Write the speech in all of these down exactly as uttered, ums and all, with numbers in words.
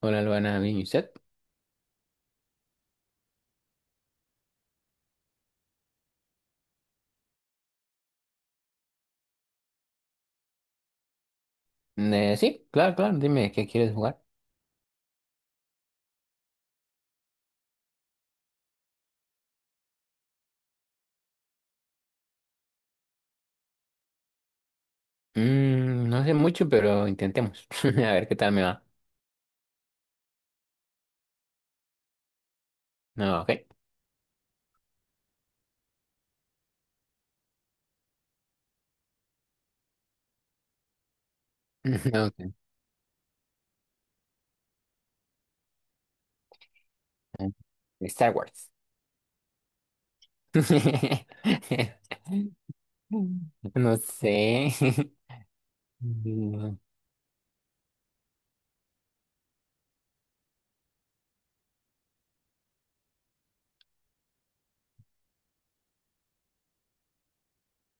Hola, Luana, ¿bien y usted? Eh, sí, claro, claro, dime, ¿qué quieres jugar? Mm, no sé mucho, pero intentemos. A ver qué tal me va. No, ok. Ok. Star Wars. No sé. Mm,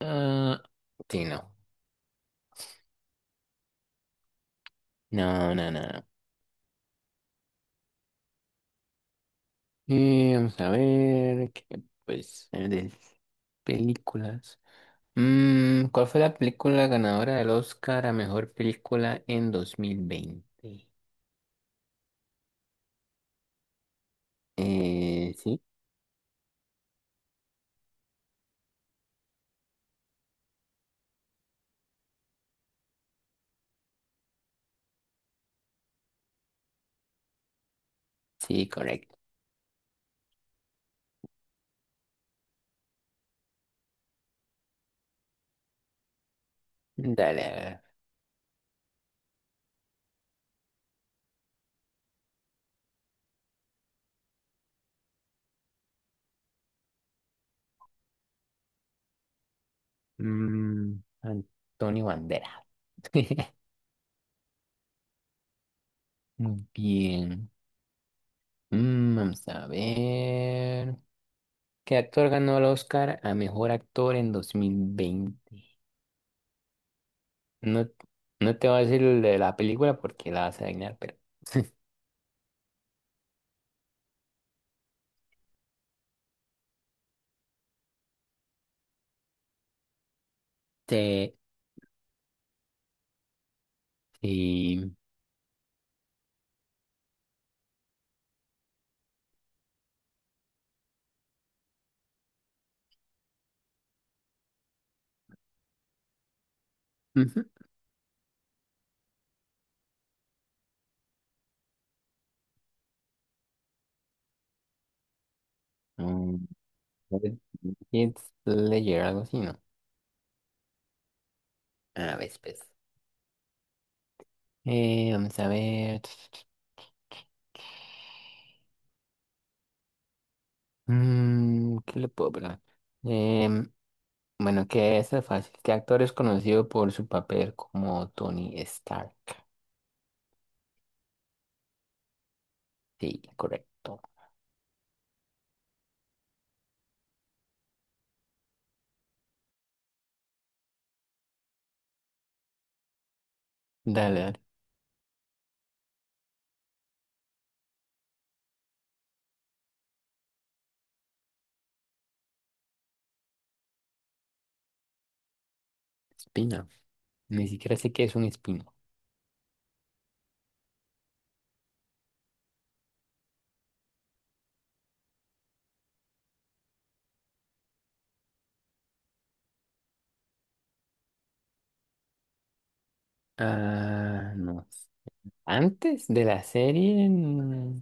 Ah, sí, no. No, no, no. Eh, vamos a ver, que, pues, eh, de películas. Mm, ¿cuál fue la película ganadora del Oscar a mejor película en dos mil veinte? Eh, sí, sí, correcto. Dale, a ver. Mm, Antonio Bandera. Muy bien. Mm, vamos a ver. ¿Qué actor ganó el Oscar a mejor actor en dos mil veinte? No, no te voy a decir el de la película porque la vas a adivinar, pero. Este, sí. Ujú. Red Dead Slayer, ¿algo así, no? A ver, pues. Eh, vamos a ver. Mm, ¿qué le puedo hablar? Em, bueno, que es fácil. ¿Qué actor es conocido por su papel como Tony Stark? Sí, correcto. Dale, dale. Espina. Ni siquiera sé qué es un espino. Ah, no. Antes de la serie. Mm,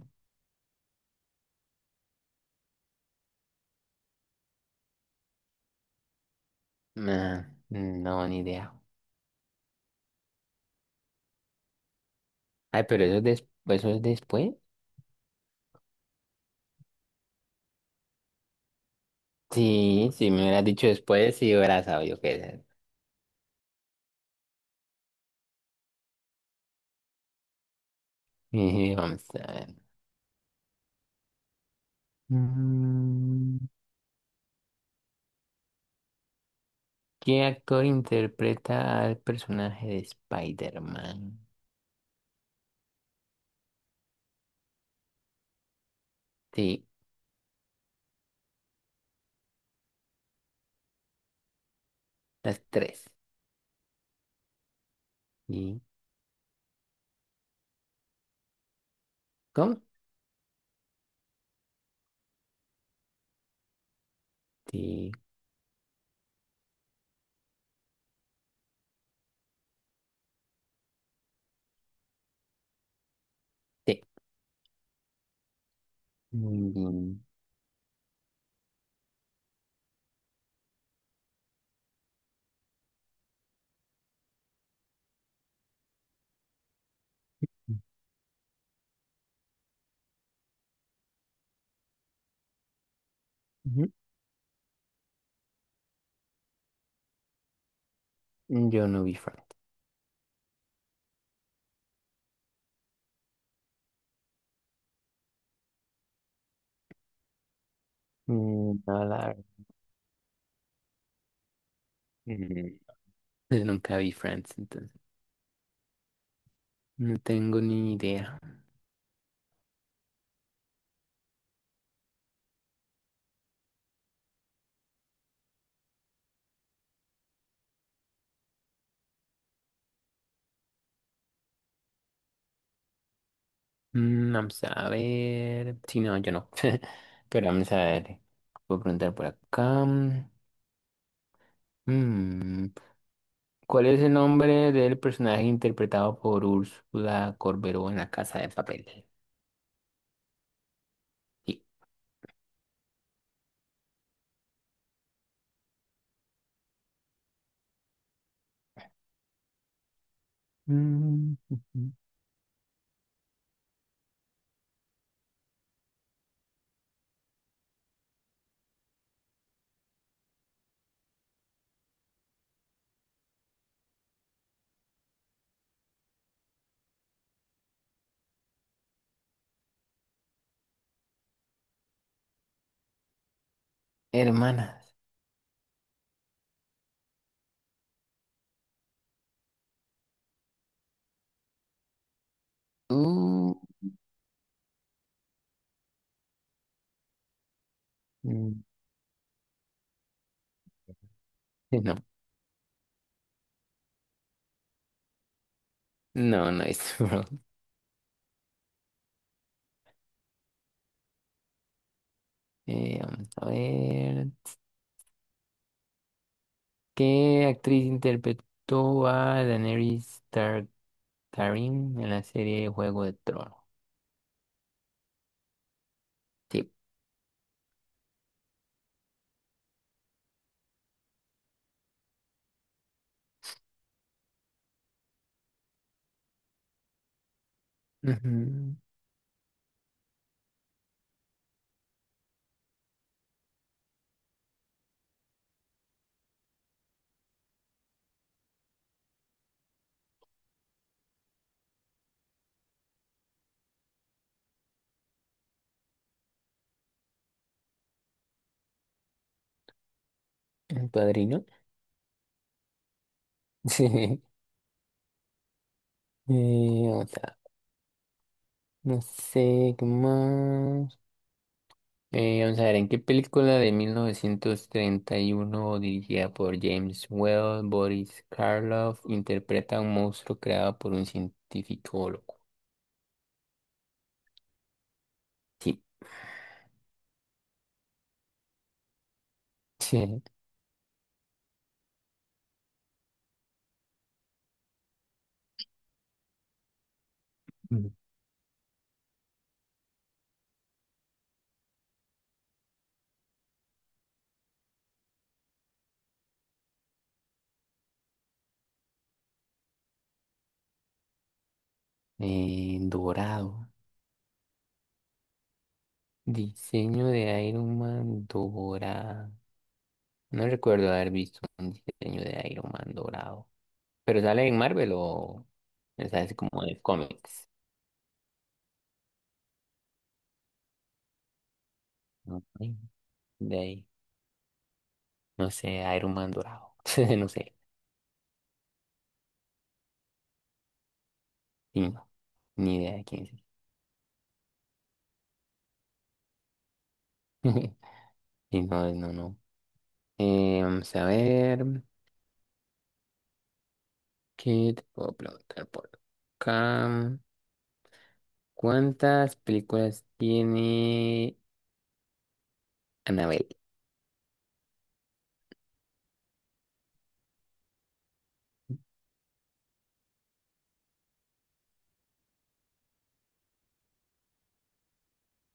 ah, no, ni idea. Ay, pero eso es, des- eso es después. Sí, si me hubieras dicho después, sí hubiera sabido qué era. Vamos a ver. Mm, ¿Qué actor interpreta al personaje de Spider-Man? Sí, las tres. ¿Y cómo? Sí, sí. Mm, ujú. Yo no vi Friends. Mm, no, la verdad. Mm, Nunca vi Friends, entonces no tengo ni idea. Mm, vamos a ver. Sí, no, yo no. Pero vamos a ver. Puedo preguntar por acá. Mm, ¿Cuál es el nombre del personaje interpretado por Úrsula Corberó en La Casa de Papel? Sí. Mm, ujú. Hermanas. Uh, mm, sí, no, no, no es. Bro. Eh, vamos a ver. ¿Qué actriz interpretó a Daenerys Tar- Targaryen en la serie Juego de Tronos? Sí. Ujú. El padrino. Sí. Eh, otra. No sé qué más. Eh, vamos a ver, ¿en qué película de mil novecientos treinta y uno, dirigida por James Whale, Boris Karloff, interpreta a un monstruo creado por un científico loco? Sí. Sí. Mm. Eh, dorado. Diseño de Iron Man dorado. No recuerdo haber visto un diseño de Iron Man dorado. ¿Pero sale en Marvel o es así como de cómics? No, ay, de ahí, no sé, Iron Man dorado. No sé, y no, ni idea de quién es. Y no, no, no. Eh, vamos a ver, ¿qué te puedo preguntar por acá? ¿Cuántas películas tiene Annabelle?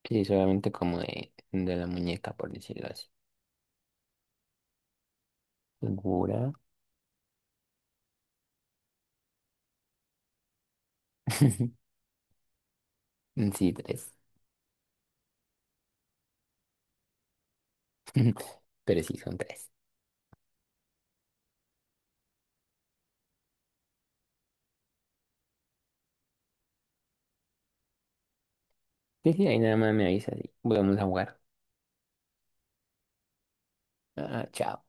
Sí, solamente como de, de la muñeca, por decirlo así. ¿Segura? Sí, tres. Pero sí, son tres. Sí, sí, ahí nada más me avisas y volvemos a jugar. Ah, chao.